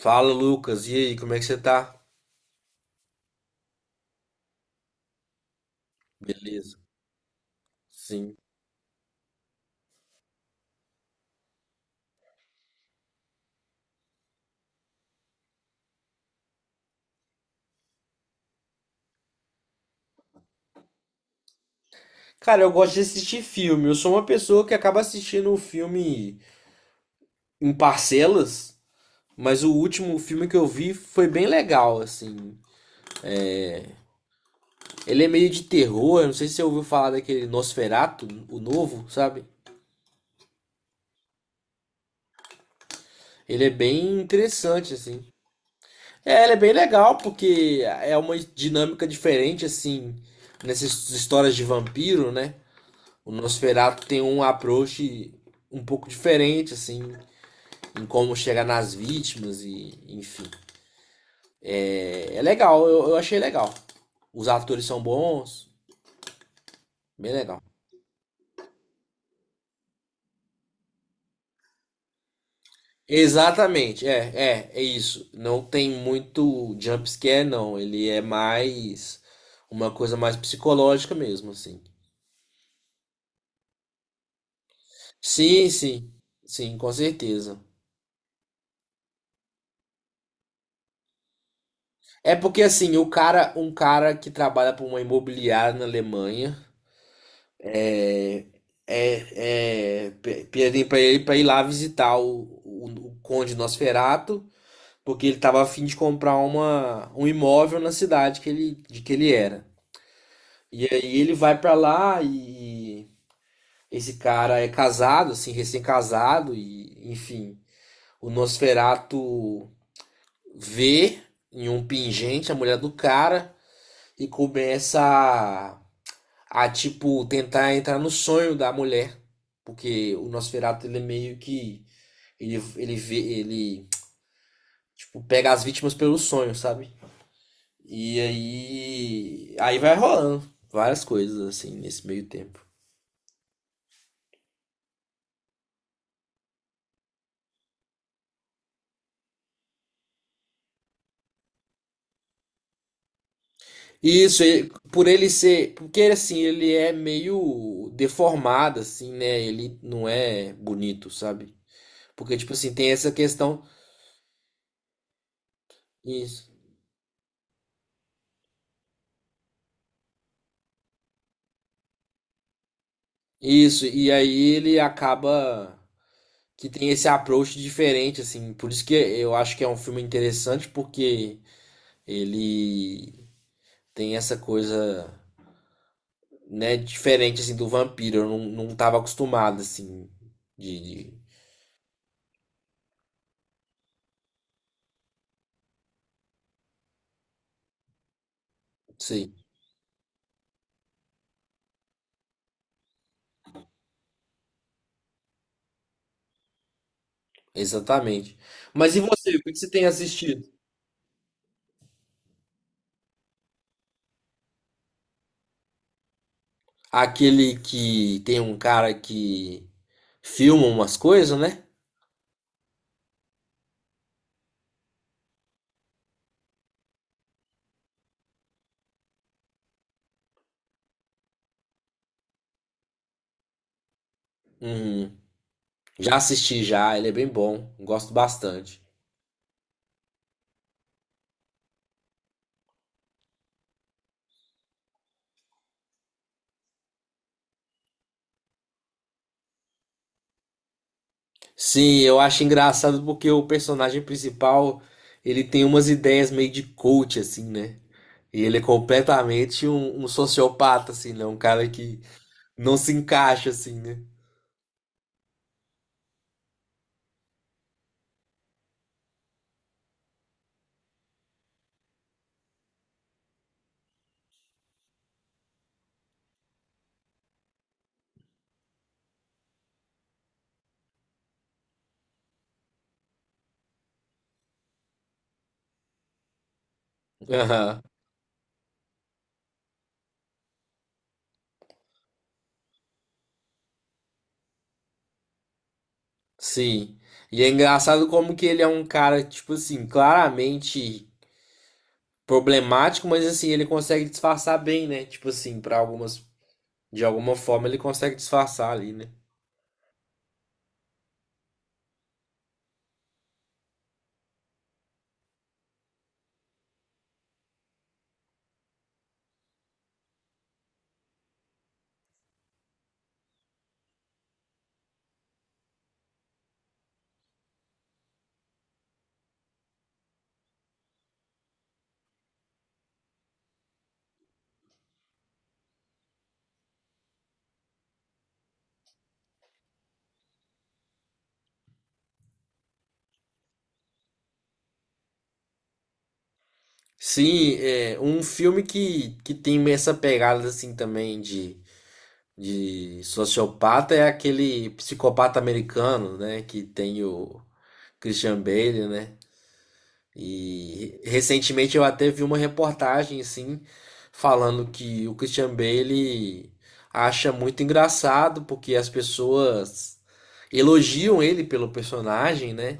Fala, Lucas. E aí, como é que você tá? Beleza. Sim. Cara, eu gosto de assistir filme. Eu sou uma pessoa que acaba assistindo o filme em parcelas, mas o último filme que eu vi foi bem legal, assim. Ele é meio de terror, eu não sei se você ouviu falar daquele Nosferatu, o novo, sabe? Ele é bem interessante, assim. É, ele é bem legal porque é uma dinâmica diferente, assim, nessas histórias de vampiro, né? O Nosferatu tem um approach um pouco diferente, assim, em como chegar nas vítimas e, enfim. É, é legal, eu achei legal. Os atores são bons, bem legal. Exatamente, é, é, é isso. Não tem muito jump scare, não. Ele é mais uma coisa mais psicológica mesmo, assim. Sim, sim, sim, com certeza. É porque assim, o cara, um cara que trabalha para uma imobiliária na Alemanha. Pedi pra ele pra ir lá visitar o Conde Nosferato, porque ele estava a fim de comprar um imóvel na cidade que de que ele era. E aí ele vai para lá e esse cara é casado, assim, recém-casado, e enfim, o Nosferato vê em um pingente a mulher do cara e começa a tipo tentar entrar no sonho da mulher, porque o Nosferatu ele é meio que ele vê, ele tipo pega as vítimas pelo sonho, sabe? E aí vai rolando várias coisas assim nesse meio tempo. E isso, por ele ser, porque assim, ele é meio deformado assim, né? Ele não é bonito, sabe? Porque tipo assim, tem essa questão. Isso. Isso, e aí ele acaba que tem esse approach diferente, assim. Por isso que eu acho que é um filme interessante, porque ele tem essa coisa, né, diferente, assim, do vampiro. Eu não, não tava acostumado, assim, de... de... Sim, exatamente. Mas e você, o que que você tem assistido? Aquele que tem um cara que filma umas coisas, né? Uhum. Já assisti já, ele é bem bom, gosto bastante. Sim, eu acho engraçado porque o personagem principal, ele tem umas ideias meio de coach, assim, né? E ele é completamente um sociopata, assim, né? Um cara que não se encaixa, assim, né? Aham, sim. E é engraçado como que ele é um cara, tipo assim, claramente problemático, mas assim, ele consegue disfarçar bem, né? Tipo assim, pra algumas, de alguma forma ele consegue disfarçar ali, né? Sim, é um filme que tem essa pegada, assim, também de sociopata é aquele psicopata americano, né? Que tem o Christian Bale, né? E recentemente eu até vi uma reportagem, assim, falando que o Christian Bale acha muito engraçado porque as pessoas elogiam ele pelo personagem, né?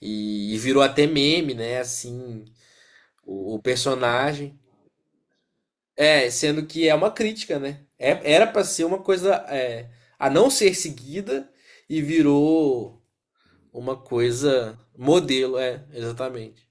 E virou até meme, né? Assim, o personagem. É, sendo que é uma crítica, né? É- era pra ser uma coisa é, a não ser seguida e virou uma coisa modelo, é, exatamente.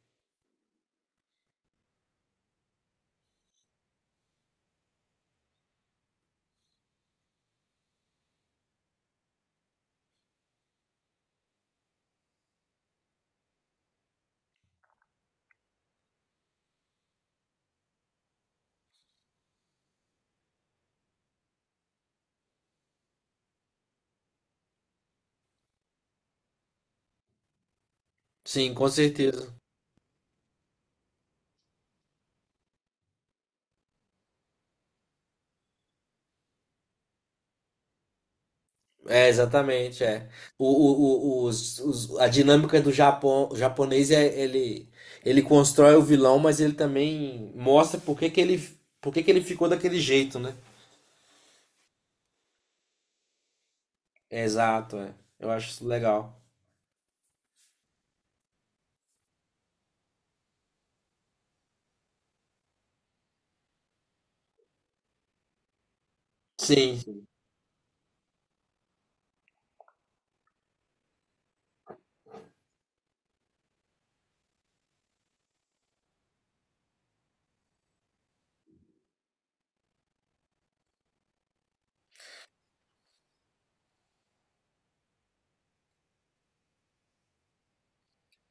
Sim, com certeza. É, exatamente, é. A dinâmica do Japão, o japonês é ele constrói o vilão, mas ele também mostra por que que ele ficou daquele jeito, né? Exato, é. Eu acho isso legal. Sim.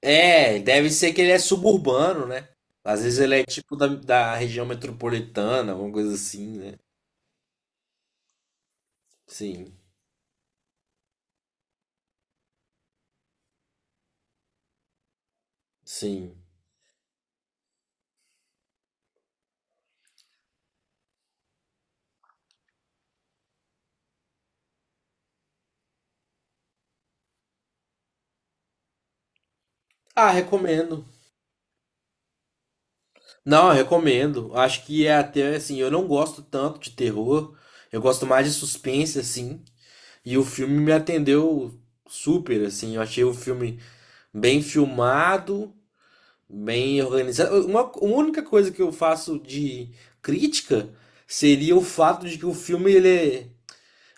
É, deve ser que ele é suburbano, né? Às vezes ele é tipo da região metropolitana, alguma coisa assim, né? Sim, sim. Ah, recomendo. Não, eu recomendo. Acho que é até assim, eu não gosto tanto de terror. Eu gosto mais de suspense, assim. E o filme me atendeu super, assim. Eu achei o filme bem filmado, bem organizado. Uma, a única coisa que eu faço de crítica seria o fato de que o filme ele é.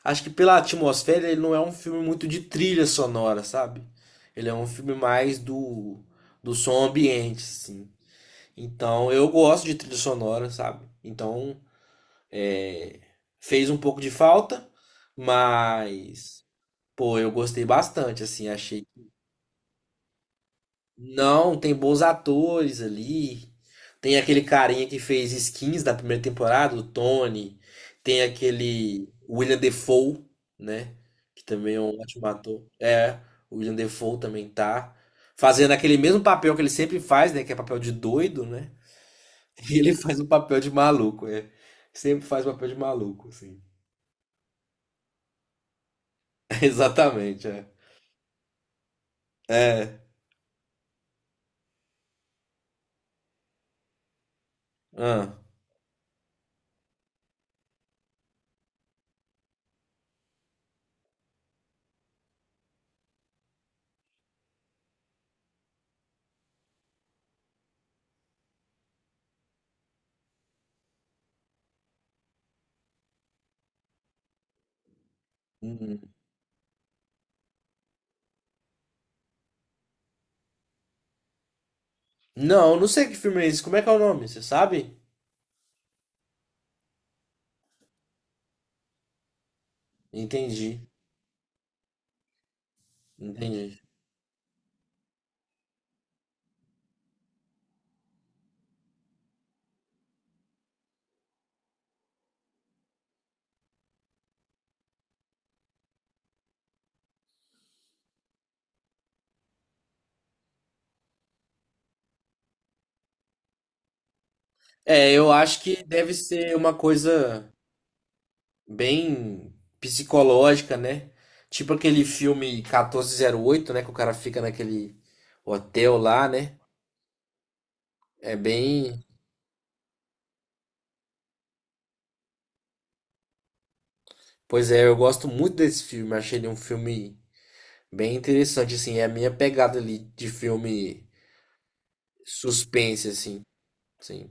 Acho que pela atmosfera ele não é um filme muito de trilha sonora, sabe? Ele é um filme mais do som ambiente, assim. Então eu gosto de trilha sonora, sabe? Então é, fez um pouco de falta, mas pô, eu gostei bastante, assim, achei. Não, tem bons atores ali. Tem aquele carinha que fez Skins da primeira temporada, o Tony. Tem aquele William Defoe, né? Que também é um ótimo ator. É, o William Defoe também tá. Fazendo aquele mesmo papel que ele sempre faz, né? Que é papel de doido, né? E ele faz um papel de maluco, é. Sempre faz papel de maluco, assim. Exatamente, é. É. Ah. Uhum. Não, não sei que filme é esse. Como é que é o nome? Você sabe? Entendi. Entendi. É, eu acho que deve ser uma coisa bem psicológica, né? Tipo aquele filme 1408, né? Que o cara fica naquele hotel lá, né? É bem. Pois é, eu gosto muito desse filme. Achei ele um filme bem interessante, assim. É a minha pegada ali de filme suspense, assim. Sim.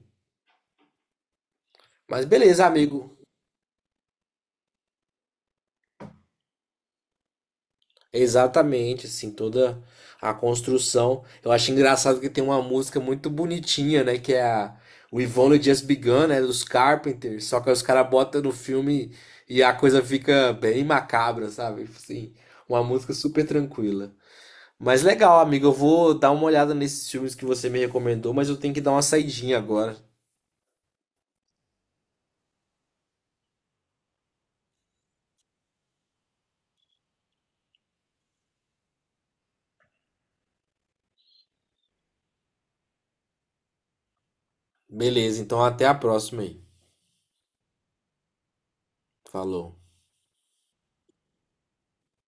Mas beleza, amigo. Exatamente, assim, toda a construção. Eu acho engraçado que tem uma música muito bonitinha, né? Que é a We've Only Just Begun, né? Dos Carpenters. Só que aí os caras botam no filme e a coisa fica bem macabra, sabe? Assim, uma música super tranquila. Mas legal, amigo. Eu vou dar uma olhada nesses filmes que você me recomendou, mas eu tenho que dar uma saidinha agora. Beleza, então até a próxima aí. Falou.